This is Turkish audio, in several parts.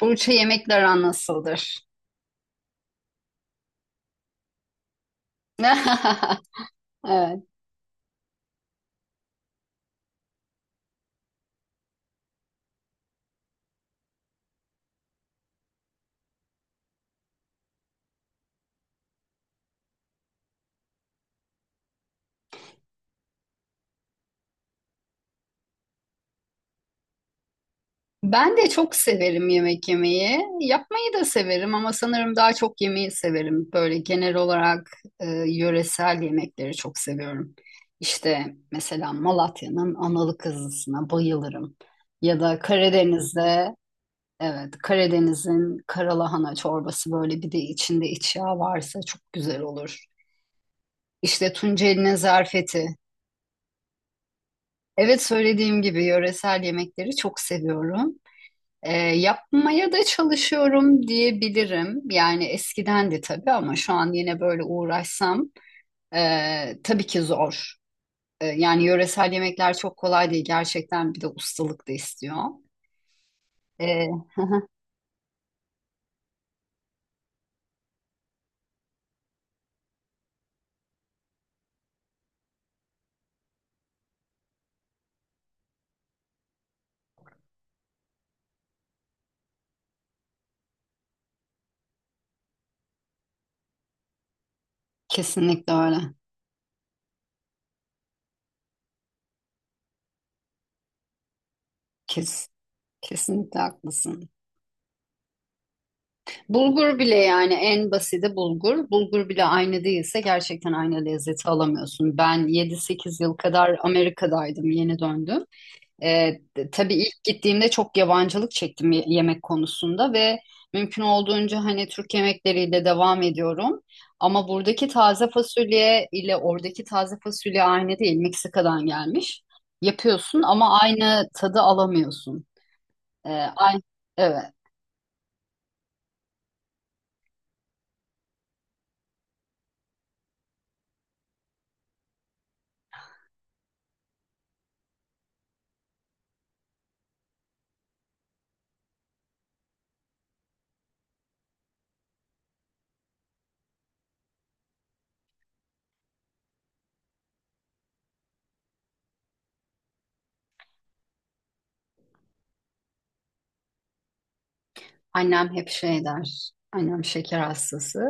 Burç'a yemekler aran nasıldır? Evet. Ben de çok severim yemek yemeyi. Yapmayı da severim ama sanırım daha çok yemeyi severim. Böyle genel olarak yöresel yemekleri çok seviyorum. İşte mesela Malatya'nın analı kızlısına bayılırım. Ya da Karadeniz'de evet Karadeniz'in karalahana çorbası böyle bir de içinde iç yağ varsa çok güzel olur. İşte Tunceli'nin zarfeti. Evet söylediğim gibi yöresel yemekleri çok seviyorum. Yapmaya da çalışıyorum diyebilirim. Yani eskiden de tabii ama şu an yine böyle uğraşsam tabii ki zor. Yani yöresel yemekler çok kolay değil. Gerçekten bir de ustalık da istiyor. E, kesinlikle öyle. Kes, kesinlikle haklısın. Bulgur bile yani en basiti bulgur. Bulgur bile aynı değilse gerçekten aynı lezzeti alamıyorsun. Ben yedi sekiz yıl kadar Amerika'daydım, yeni döndüm. Tabii ilk gittiğimde çok yabancılık çektim yemek konusunda ve mümkün olduğunca hani Türk yemekleriyle devam ediyorum. Ama buradaki taze fasulye ile oradaki taze fasulye aynı değil. Meksika'dan gelmiş. Yapıyorsun ama aynı tadı alamıyorsun. Ee, aynı, Annem hep şey der. Annem şeker hastası.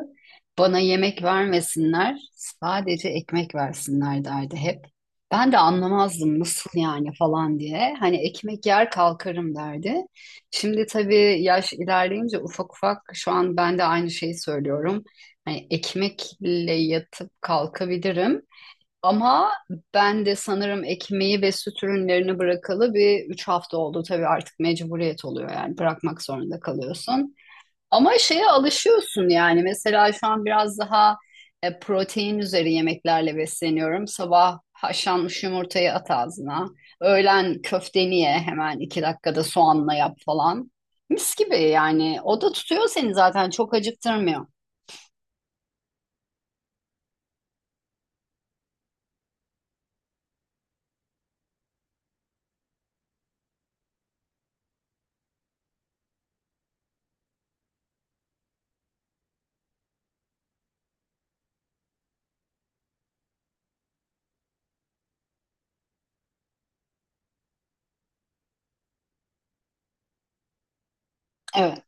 Bana yemek vermesinler, sadece ekmek versinler derdi hep. Ben de anlamazdım nasıl yani falan diye. Hani ekmek yer kalkarım derdi. Şimdi tabii yaş ilerleyince ufak ufak şu an ben de aynı şeyi söylüyorum. Hani ekmekle yatıp kalkabilirim. Ama ben de sanırım ekmeği ve süt ürünlerini bırakalı bir üç hafta oldu. Tabii artık mecburiyet oluyor yani bırakmak zorunda kalıyorsun. Ama şeye alışıyorsun yani mesela şu an biraz daha protein üzeri yemeklerle besleniyorum. Sabah haşlanmış yumurtayı at ağzına, öğlen köfteni ye hemen iki dakikada soğanla yap falan. Mis gibi yani o da tutuyor seni zaten çok acıktırmıyor. Evet,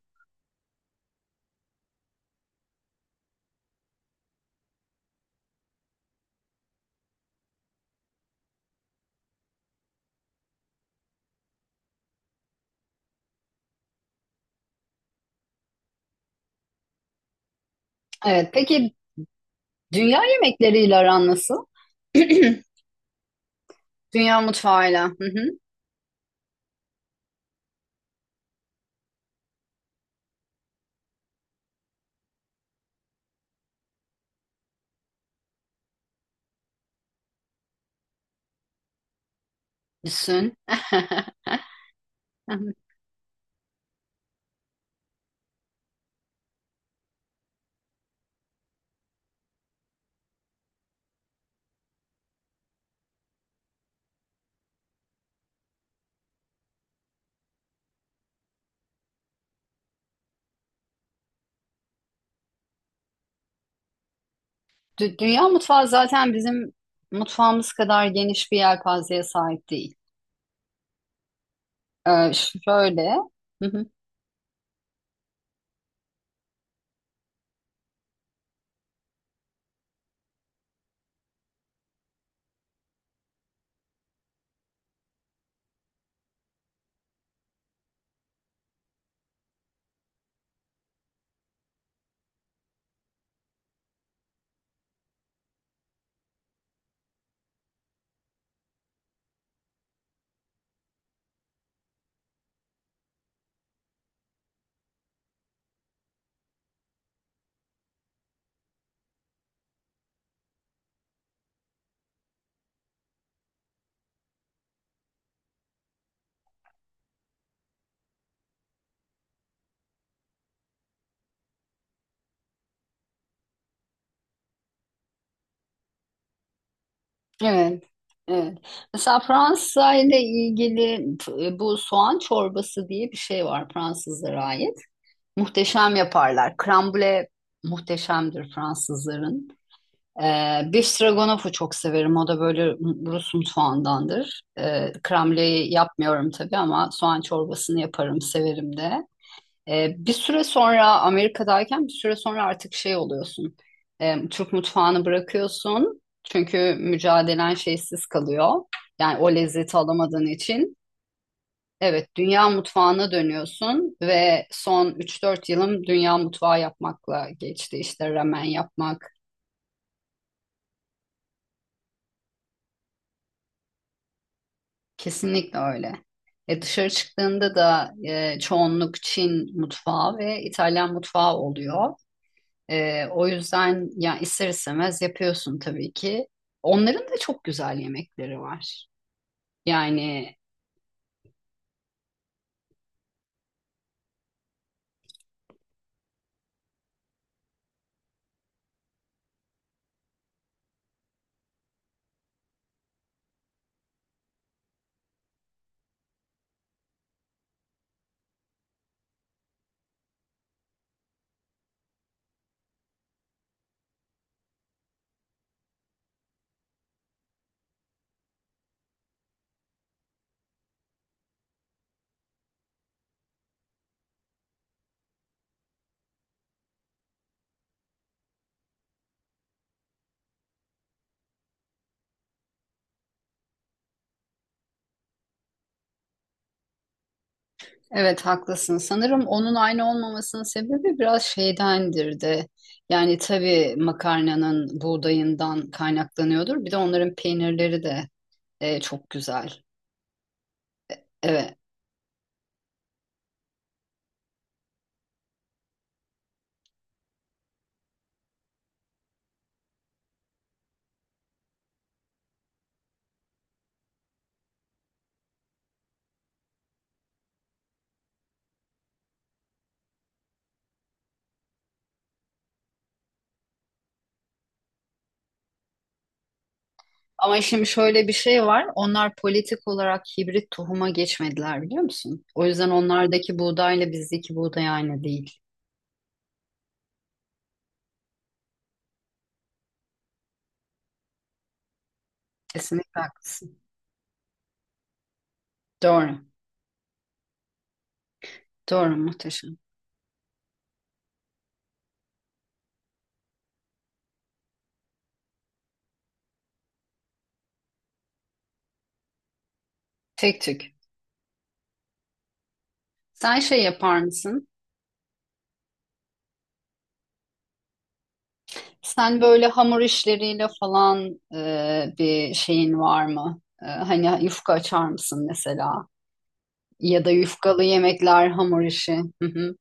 evet. Peki dünya yemekleriyle aran nasıl? Dünya mutfağıyla. Hı hı. Düşün. Dü- Dünya mutfağı zaten bizim mutfağımız kadar geniş bir yelpazeye sahip değil. Ee, şöyle. Hı hı. Evet. Evet. Mesela Fransa ile ilgili bu soğan çorbası diye bir şey var Fransızlara ait. Muhteşem yaparlar. Krambule muhteşemdir Fransızların. Beef Stroganoff'u çok severim. O da böyle Rus mutfağındandır. Kremliği yapmıyorum tabii ama soğan çorbasını yaparım, severim de. Bir süre sonra Amerika'dayken bir süre sonra artık şey oluyorsun. Türk mutfağını bırakıyorsun. Çünkü mücadelen şeysiz kalıyor. Yani o lezzeti alamadığın için. Evet, dünya mutfağına dönüyorsun ve son 3-4 yılım dünya mutfağı yapmakla geçti. İşte ramen yapmak, kesinlikle öyle. E dışarı çıktığında da çoğunluk Çin mutfağı ve İtalyan mutfağı oluyor. O yüzden ya ister istemez yapıyorsun tabii ki. Onların da çok güzel yemekleri var. Yani evet haklısın. Sanırım onun aynı olmamasının sebebi biraz şeydendir de. Yani tabii makarnanın buğdayından kaynaklanıyordur. Bir de onların peynirleri de çok güzel. Evet. Ama şimdi şöyle bir şey var. Onlar politik olarak hibrit tohuma geçmediler biliyor musun? O yüzden onlardaki buğdayla bizdeki buğday aynı değil. Kesinlikle haklısın. Doğru. Doğru muhteşem. Tek tük. Sen şey yapar mısın? Sen böyle hamur işleriyle falan bir şeyin var mı? Hani yufka açar mısın mesela? Ya da yufkalı yemekler, hamur işi. Hı hı.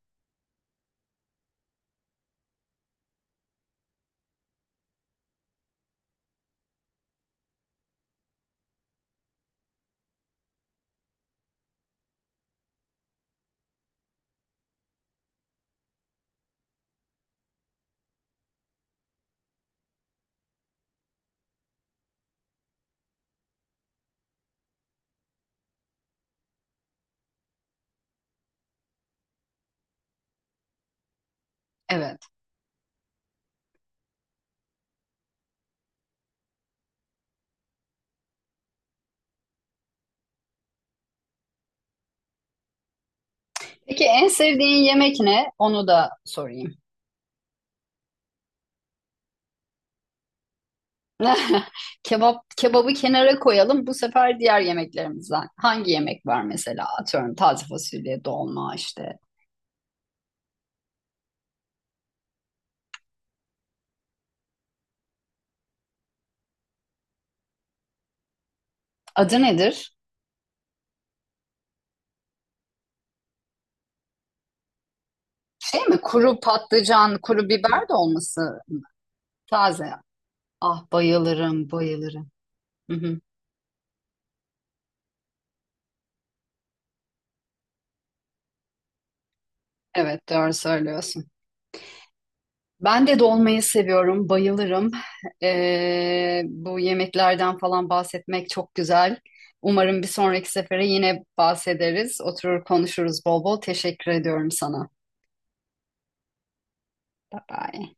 Evet. Peki en sevdiğin yemek ne? Onu da sorayım. Kebap, kebabı kenara koyalım. Bu sefer diğer yemeklerimizden. Hangi yemek var mesela? Atıyorum taze fasulye, dolma işte. Adı nedir? Şey mi? Kuru patlıcan, kuru biber de olması taze. Ah bayılırım, bayılırım. Hı hı. Evet, doğru söylüyorsun. Ben de dolmayı seviyorum, bayılırım. Bu yemeklerden falan bahsetmek çok güzel. Umarım bir sonraki sefere yine bahsederiz. Oturur konuşuruz bol bol. Teşekkür ediyorum sana. Bye bye.